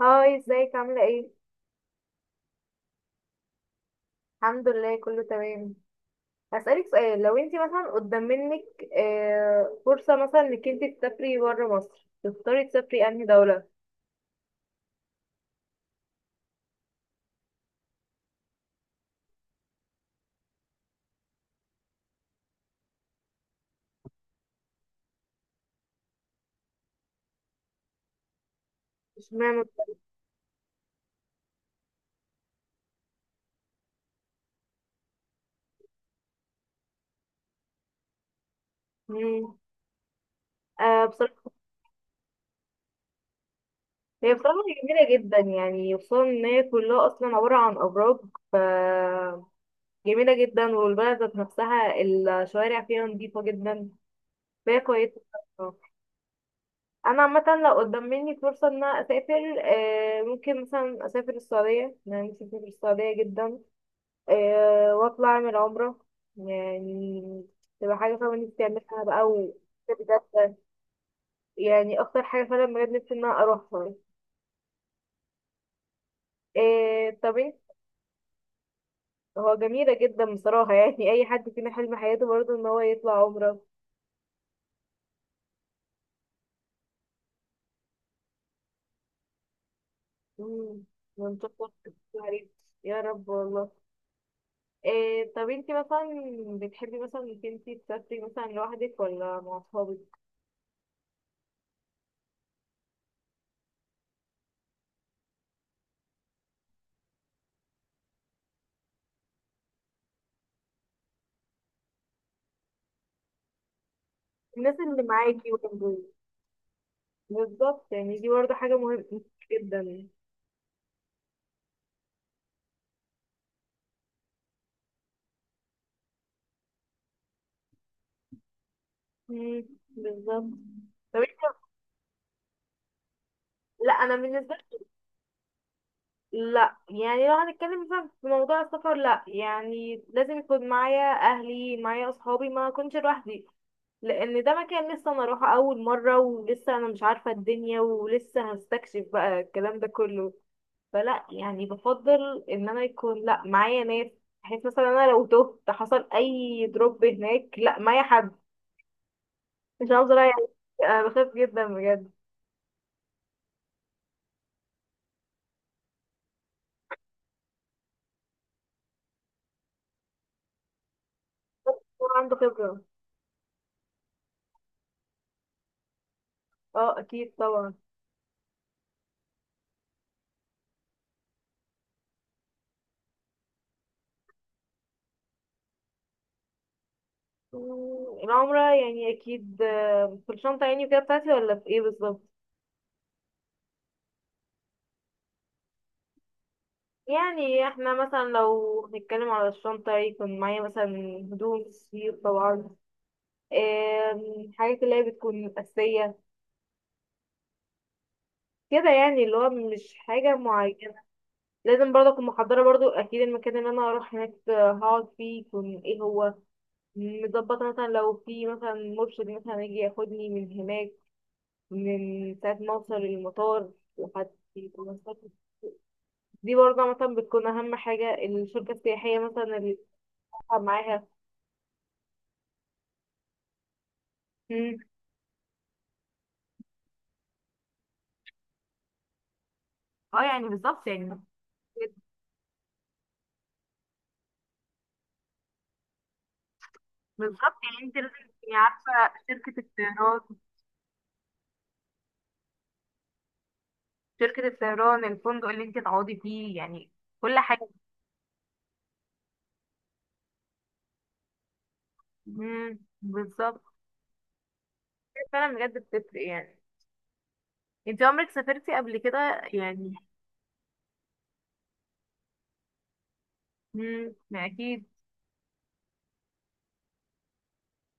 هاي، ازيك؟ عاملة ايه؟ الحمد لله كله تمام. هسألك سؤال، لو انت مثلا قدام منك فرصة مثلا انك انت تسافري برا مصر، تختاري تسافري انهي دولة؟ اشمعنى؟ مم. آه، بصراحة هي بصراحة جميلة جدا، يعني خصوصا ان هي كلها اصلا عبارة عن ابراج. ف جميلة جدا، والبلد ذات نفسها الشوارع فيها نظيفة جدا، فهي كويسة. انا عامه لو قدام مني فرصه ان انا اسافر، ممكن مثلا اسافر السعوديه، انا نفسي اسافر السعوديه جدا. واطلع اعمل عمره يعني، تبقى حاجه فعلا نفسي اعملها بقى بجد يعني اكتر حاجه فعلا بجد نفسي ان انا اروحها. طب انت، هو جميله جدا بصراحه يعني اي حد فينا حلم حياته برضه ان هو يطلع عمره. مم، ونشوف. يا رب والله. إيه طب انتي مثلا بتحبي مثلا انك انتي تسافري مثلا لوحدك ولا مع اصحابك؟ الناس اللي معاكي وجنبك. بالظبط، يعني دي برضه حاجة مهمة جدا. مم، بالظبط. طب انت، لا انا بالنسبة لي لا، يعني لو هنتكلم مثلا في موضوع السفر لا، يعني لازم يكون معايا اهلي، معايا اصحابي، ما اكونش لوحدي. لان ده مكان لسه انا اروحه اول مرة، ولسه انا مش عارفة الدنيا ولسه هستكشف بقى الكلام ده كله. فلا يعني بفضل ان انا يكون لا معايا ناس، بحيث مثلا انا لو تهت حصل اي دروب هناك لا معايا حد، مش هفضل يعني انا بخاف جدا بجد. هو عنده خبرة. اه اكيد طبعا. العمرة يعني اكيد، في الشنطة يعني كده بتاعتي، ولا في ايه بالظبط؟ يعني احنا مثلا لو هنتكلم على الشنطة، يكون معايا مثلا هدوم كتير طبعا، حاجات اللي هي بتكون أساسية كده، يعني اللي هو مش حاجة معينة. لازم برضه اكون محضره برضه اكيد المكان اللي انا هروح هناك هقعد فيه يكون ايه هو، مظبطه. مثلا لو في مثلا مرشد مثلا يجي ياخدني من هناك من ساعه ما اوصل المطار لحد المستشفى. دي برضه مثلا بتكون اهم حاجه، الشركه السياحيه مثلا اللي بتتعب معاها. مم. اه يعني بالظبط يعني. بالظبط، يعني انت لازم تكوني عارفه شركه الطيران، شركه الطيران، الفندق اللي انت تقعدي فيه، يعني كل حاجه. مم. بالظبط، فعلا بجد بتفرق يعني. انت عمرك سافرتي قبل كده يعني؟ امم، ما اكيد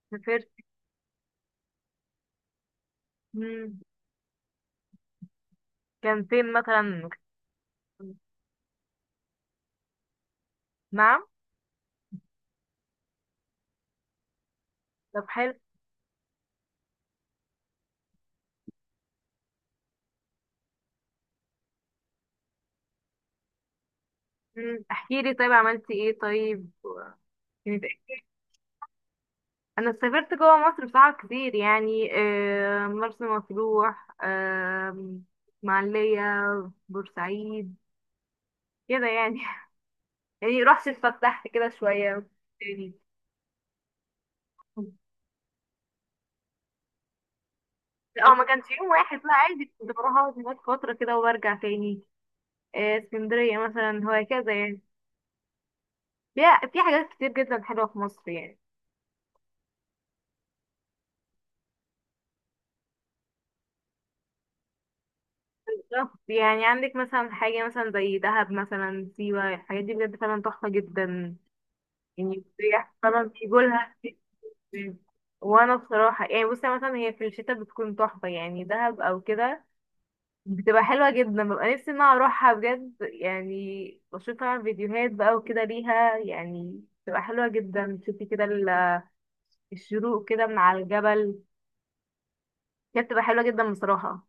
سافرت. امم، كان فين مثلا؟ نعم. طب حلو. امم، احكي لي طيب، عملتي ايه طيب؟ كانت إيه؟ انا سافرت جوه مصر بصراحه كتير يعني، مرسى مطروح، اسماعيليه، بورسعيد، كده يعني يعني رحت اتفسحت كده شويه تاني. اه، ما كانش يوم واحد لا، عادي كنت بروح اقعد هناك فتره كده وبرجع تاني. اسكندريه مثلا، هكذا يعني. فيها في حاجات كتير جدا حلوة في مصر يعني. بالظبط. يعني عندك مثلا حاجة مثلا زي دهب مثلا، سيوة، الحاجات دي بجد فعلا تحفة جدا، يعني السياح فعلا بيجولها. وأنا بصراحة يعني بصي مثلا، هي في الشتاء بتكون تحفة يعني، دهب أو كده بتبقى حلوة جدا، ببقى نفسي إن أنا أروحها بجد يعني. بشوف طبعا فيديوهات بقى وكده ليها، يعني بتبقى حلوة جدا تشوفي كده الشروق كده من على الجبل، كانت بتبقى حلوة جدا بصراحة.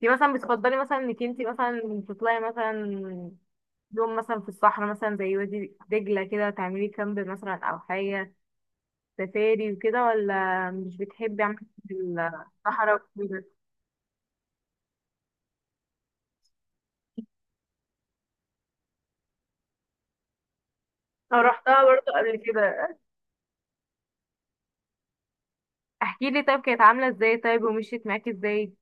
دي مثلا بتفضلي مثلا انك انتي مثلا تطلعي مثلا يوم مثلا في الصحراء، مثلا زي وادي دجلة كده تعملي كامب مثلا او حاجة سفاري وكده، ولا مش بتحبي عامة الصحراء وكده؟ انا رحتها برضه قبل كده. احكي لي طيب، كانت عاملة ازاي طيب، ومشيت معاكي ازاي؟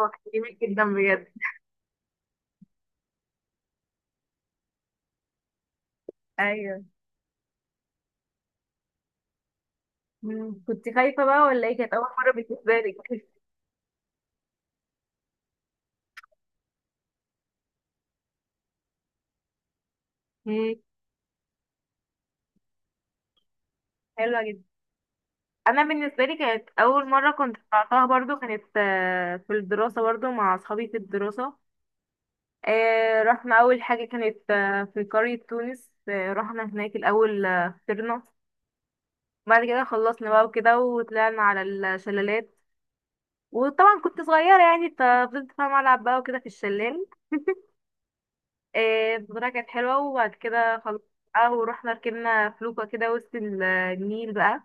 هو كان جميل جدا بجد. ايوه. مم. كنت خايفة بقى ولا ايه، كانت اول مرة بالنسبة لك؟ مم. حلوة جدا. انا بالنسبه لي كانت اول مره كنت طلعتها برضو، كانت في الدراسه، برضو مع اصحابي في الدراسه. رحنا اول حاجه كانت في قريه تونس، رحنا هناك الاول، فطرنا. بعد كده خلصنا بقى وكده وطلعنا على الشلالات، وطبعا كنت صغيره يعني ففضلت فاهمه العب بقى وكده في الشلال. البطوله كانت حلوه. وبعد كده خلصنا بقى ورحنا ركبنا فلوكه كده وسط النيل بقى،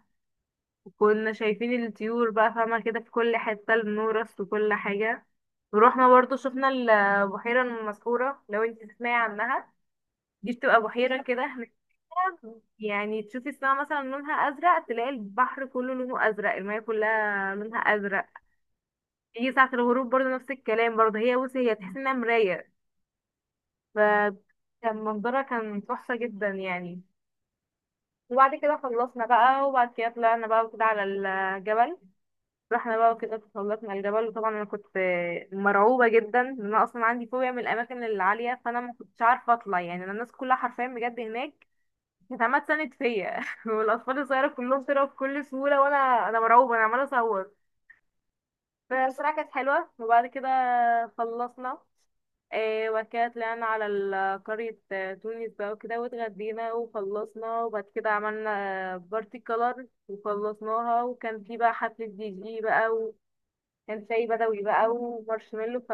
كنا شايفين الطيور بقى فاهمة كده، في كل حتة النورس وكل حاجة. ورحنا برضو شفنا البحيرة المسحورة لو انت تسمعي عنها، دي بتبقى بحيرة كده هناك، يعني تشوفي السماء مثلا لونها أزرق، تلاقي البحر كله لونه أزرق، المياه كلها لونها أزرق. يجي ساعة الغروب برضو نفس الكلام برضو، هي بصي هي تحس انها مراية. فكان منظرها كان تحفة جدا يعني. وبعد كده خلصنا بقى، وبعد كده طلعنا بقى وكده على الجبل. رحنا بقى وكده تسلقنا الجبل، وطبعا انا كنت مرعوبه جدا، ان انا اصلا عندي فوبيا من الاماكن العاليه، فانا ما كنتش عارفه اطلع يعني. انا الناس كلها حرفيا بجد هناك كانت عماله تساند فيا والاطفال الصغيره كلهم طلعوا بكل سهوله، وانا مرعوبه، انا عماله اصور. فالصراحه كانت حلوه. وبعد كده خلصنا، وبعد كده طلعنا على قرية تونس بقى وكده، واتغدينا وخلصنا. وبعد كده عملنا بارتي كولر وخلصناها، وكان في بقى حفلة دي جي بقى، كان شاي بدوي بقى ومارشميلو.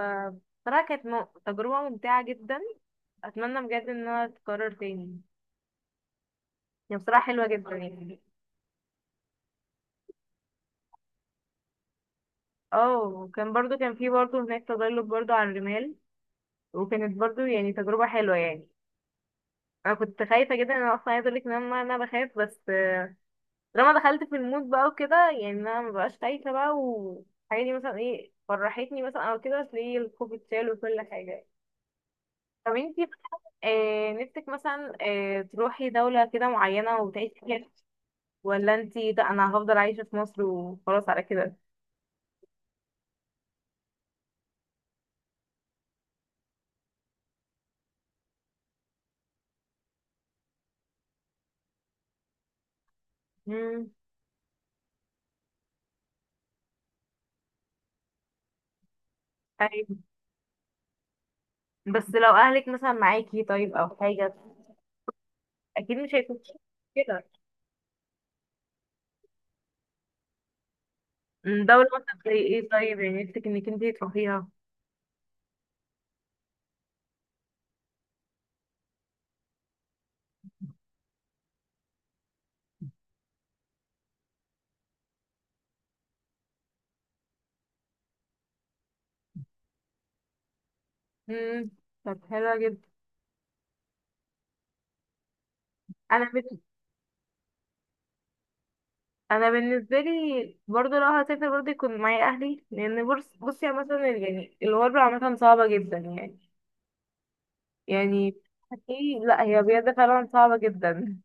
بصراحة كانت تجربة ممتعة جدا، أتمنى بجد إنها تتكرر تاني يعني. بصراحة حلوة جدا يعني. اه، وكان برضو كان في برضو هناك تزلج برضو على الرمال، وكانت برضو يعني تجربة حلوة يعني. أنا كنت خايفة جدا، أنا أصلا عايزة أقولك إن أنا بخاف، بس لما دخلت في المود بقى وكده، يعني أنا مبقاش خايفة بقى. والحاجة دي مثلا إيه فرحتني مثلا أو كده، بس ليه الخوف اتشال وكل حاجة. طب انتي، نفسك مثلا تروحي دولة كده معينة وتعيشي فيها، ولا انتي ده انا هفضل عايشة في مصر وخلاص على كده؟ امم. طيب، بس لو اهلك مثلا معاكي طيب او حاجة، اكيد مش هيكون كده. دولة مثلا زي ايه طيب، يعني نفسك انك انتي تروحيها؟ امم. طب حلوة جدا. انا بن... انا بالنسبة لي برضه لو هسافر برضه يكون معايا اهلي، لان بص بصي يعني مثلا يعني الغربة عامة صعبة جدا يعني. يعني ايه، لا هي بجد فعلا صعبة جدا.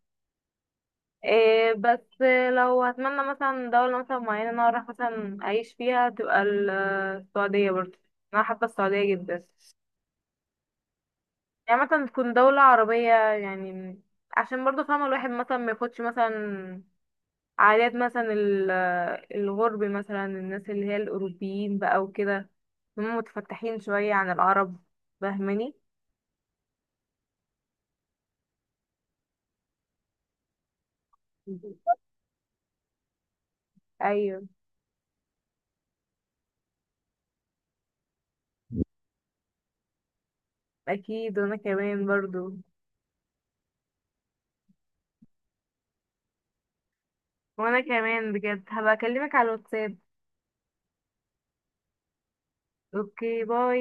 إيه بس لو هتمنى مثلا دولة مثلا معينة انا اروح مثلا اعيش فيها، تبقى السعودية برضه، انا حابة السعودية جدا. يعني مثلا تكون دولة عربية يعني، عشان برضه فاهمة الواحد مثلا ما ياخدش مثلا عادات مثلا الغرب مثلا، الناس اللي هي الأوروبيين بقى وكده، هم متفتحين شوية عن العرب، فاهماني؟ ايوه، اكيد وانا كمان برضو. وانا كمان بجد هبقى اكلمك على الواتساب. اوكي، باي.